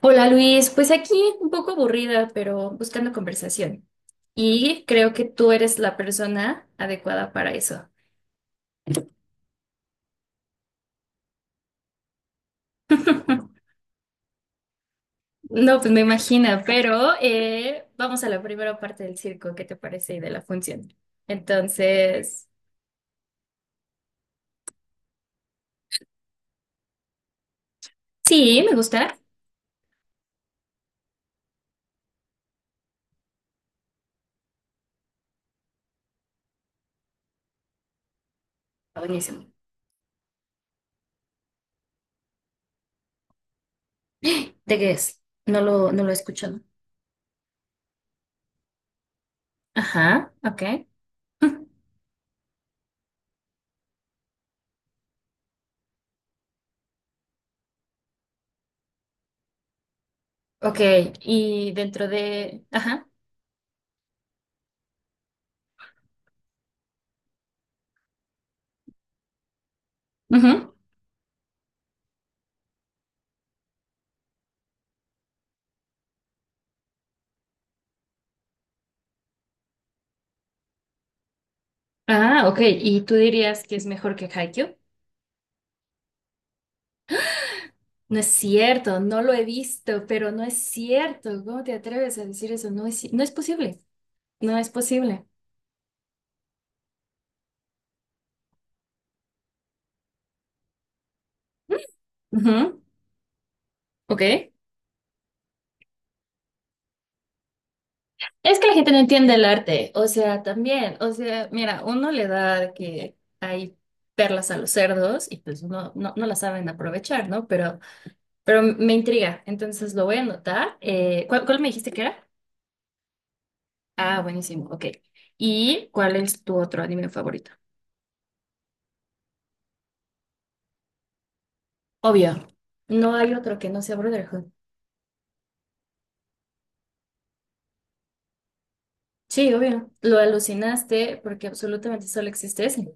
Hola Luis, pues aquí un poco aburrida, pero buscando conversación. Y creo que tú eres la persona adecuada para eso. No, pues me imagino, pero vamos a la primera parte del circo, ¿qué te parece? Y de la función. Entonces, sí, me gusta. Está buenísimo. ¿De qué es? No lo he escuchado. Ajá, ok. Ok, y dentro de... Ajá. Ujú. Ah, ok. ¿Y tú dirías que es mejor que Haikyuu? No es cierto, no lo he visto, pero no es cierto. ¿Cómo te atreves a decir eso? No es posible, no es posible. Ujú. Ok. Es que la gente no entiende el arte, o sea, también, o sea, mira, uno le da de que hay perlas a los cerdos y pues uno no, no las saben aprovechar, ¿no? Pero me intriga, entonces lo voy a anotar. ¿Cuál, cuál me dijiste que era? Ah, buenísimo, ok. ¿Y cuál es tu otro anime favorito? Obvio, no hay otro que no sea Brotherhood. Sí, obvio. Lo alucinaste porque absolutamente solo existe ese.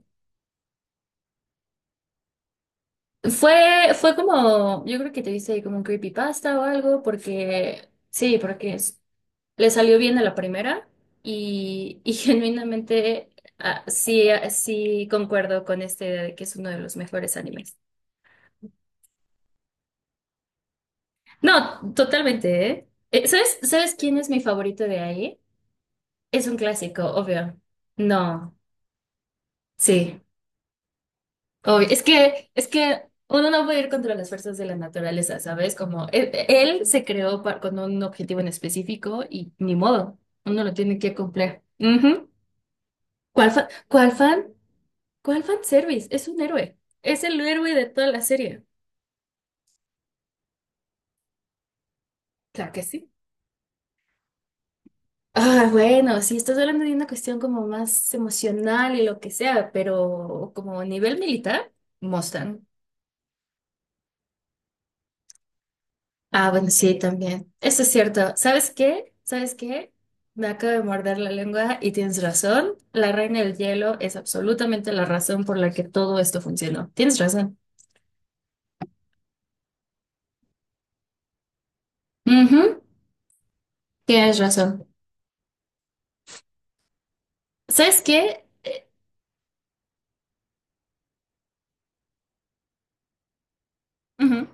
Fue, fue como, yo creo que te hice como un creepypasta o algo, porque sí, le salió bien a la primera y genuinamente ah, sí, ah, sí concuerdo con esta idea de que es uno de los mejores animes. No, totalmente, ¿eh? ¿Sabes, sabes quién es mi favorito de ahí? Es un clásico, obvio. No, sí. Obvio. Es que uno no puede ir contra las fuerzas de la naturaleza, ¿sabes? Como él, se creó con un objetivo en específico y ni modo, uno lo tiene que cumplir. Ujú. ¿Cuál fan? ¿Cuál fan? ¿Cuál fan service? Es un héroe. Es el héroe de toda la serie. Claro que sí. Ah, bueno, si estás hablando de una cuestión como más emocional y lo que sea, pero como a nivel militar, Mustang. Ah, bueno, sí, también. Eso es cierto. ¿Sabes qué? ¿Sabes qué? Me acabo de morder la lengua y tienes razón. La reina del hielo es absolutamente la razón por la que todo esto funcionó. Tienes razón. Ujú. Tienes razón. ¿Sabes qué? Ujú.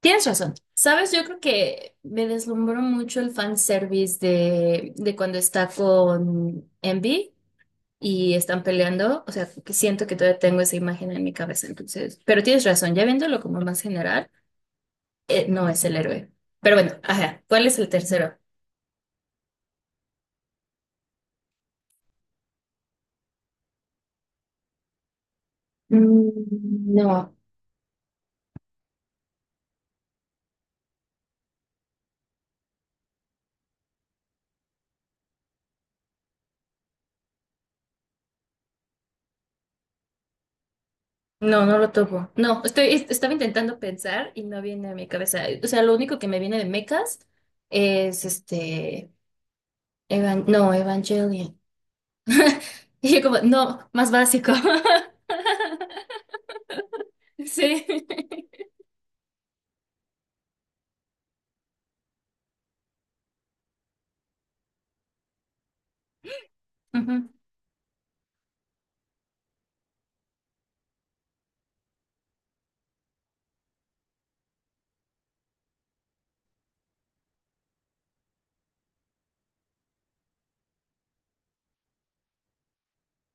Tienes razón. ¿Sabes? Yo creo que me deslumbró mucho el fanservice de cuando está con Envy y están peleando. O sea, que siento que todavía tengo esa imagen en mi cabeza, entonces. Pero tienes razón, ya viéndolo como más general. No es el héroe. Pero bueno, ajá, ¿cuál es el tercero? Mm, no. No, no lo topo. No, estoy, est- Estaba intentando pensar y no viene a mi cabeza. O sea, lo único que me viene de mechas es este. No, Evangelion. Y yo como, no, más básico. Sí. Ujú.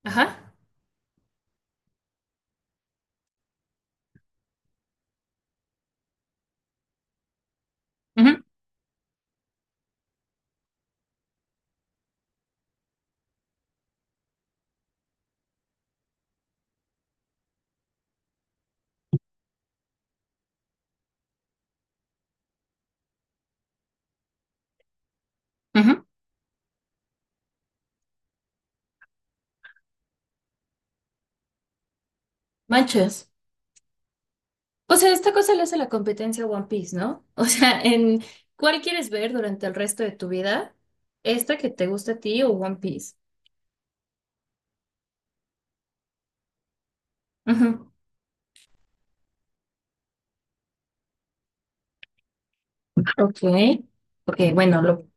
Ajá. Ujú, ujú. Manches. O sea, esta cosa le hace la competencia a One Piece, ¿no? O sea, en ¿cuál quieres ver durante el resto de tu vida? ¿Esta que te gusta a ti o One Piece? Ujú. Ok. Ok, bueno, lo,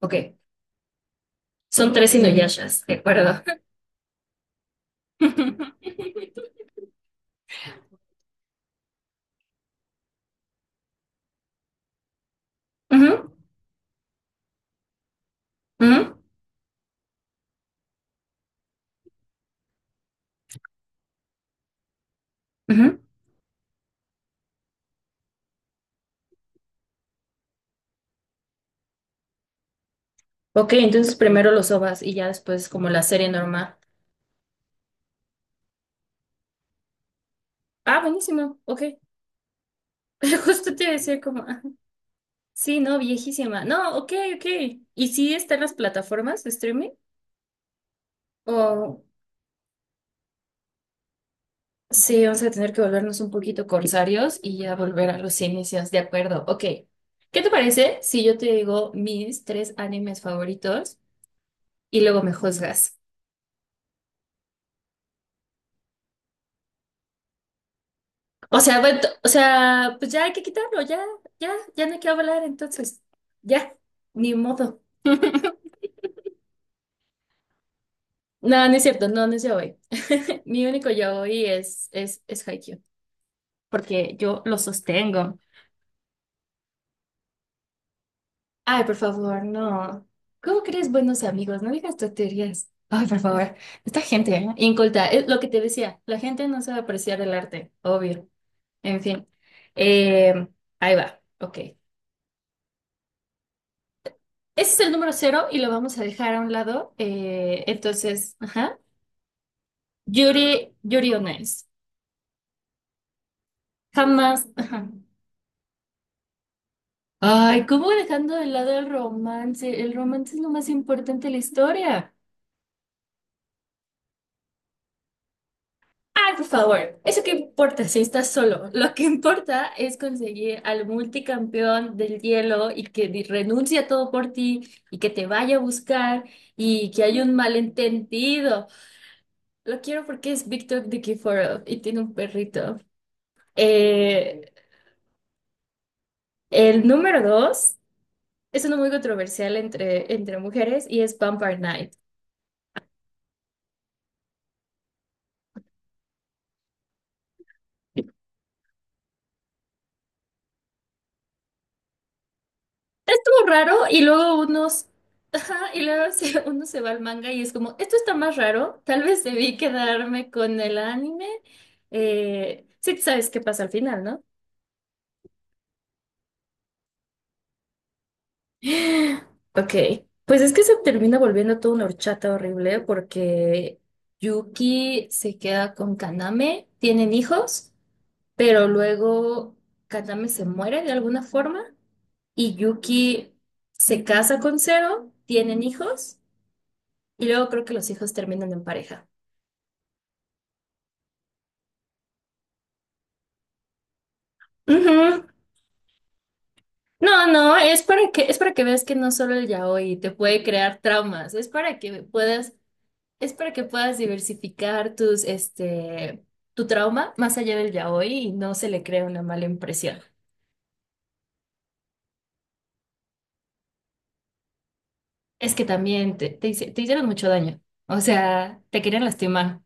ok. Son tres Inuyashas, de acuerdo. Ujú, ujú, ujú. Ok, entonces primero los OVAs y ya después como la serie normal. Ah, buenísimo, ok. Justo te iba a decir como, ah, sí, no, viejísima. No, ok, ok. ¿Y sí están las plataformas de streaming? ¿O...? Sí, vamos a tener que volvernos un poquito corsarios y ya volver a los inicios. De acuerdo, ok. ¿Qué te parece si yo te digo mis tres animes favoritos y luego me juzgas? O sea, bueno, o sea, pues ya hay que quitarlo, ya, ya, ya no hay que hablar entonces. Ya, ni modo. No, no es cierto, no, no es yaoi. Mi único yaoi es Haikyuu, porque yo lo sostengo. Ay, por favor, no. ¿Cómo crees buenos amigos? No digas tonterías. Ay, por favor. Esta gente, ¿eh? Inculta. Es lo que te decía. La gente no sabe apreciar el arte, obvio. En fin. Eh, ahí va. Ok. Ese es el número cero y lo vamos a dejar a un lado. Entonces, ajá. Yuri on Ice. Jamás. Ajá. Ay, ¿cómo dejando de lado el romance? El romance es lo más importante de la historia. Ay, por favor, ¿eso qué importa si estás solo? Lo que importa es conseguir al multicampeón del hielo y que renuncie a todo por ti y que te vaya a buscar y que haya un malentendido. Lo quiero porque es Victor Nikiforov y tiene un perrito. Eh, el número dos es uno muy controversial entre, entre mujeres y es Vampire Knight. Raro y luego unos, ajá, y luego uno se va al manga y es como, esto está más raro, tal vez debí quedarme con el anime. Sí, sabes qué pasa al final, ¿no? Ok, pues es que se termina volviendo toda una horchata horrible porque Yuki se queda con Kaname, tienen hijos, pero luego Kaname se muere de alguna forma y Yuki se casa con Zero, tienen hijos. Y luego creo que los hijos terminan en pareja. Ujú. No, no, Es para que, es para que veas que no solo el yaoi te puede crear traumas, es para que puedas, es para que puedas diversificar tus, este, tu trauma más allá del yaoi y no se le crea una mala impresión. Es que también te hicieron mucho daño. O sea, te querían lastimar.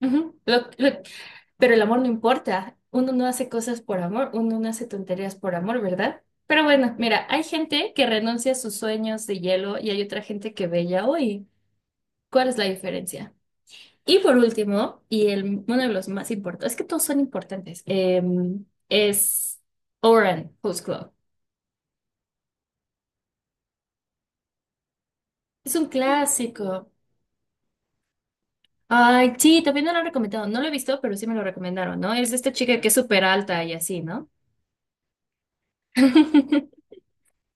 Ujú. Pero el amor no importa. Uno no hace cosas por amor, uno no hace tonterías por amor, ¿verdad? Pero bueno, mira, hay gente que renuncia a sus sueños de hielo y hay otra gente que bella hoy. ¿Cuál es la diferencia? Y por último, uno de los más importantes, es que todos son importantes, es Oren Who's Club. Es un clásico. Ay, sí, también me lo han recomendado. No lo he visto, pero sí me lo recomendaron, ¿no? Es de esta chica que es súper alta y así, ¿no?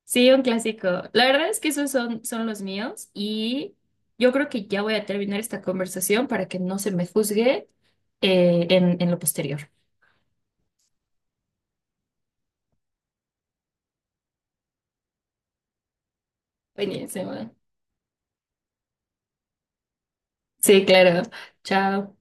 Sí, un clásico. La verdad es que esos son, son los míos y yo creo que ya voy a terminar esta conversación para que no se me juzgue en lo posterior. Buenísimo. Sí, claro. Chao.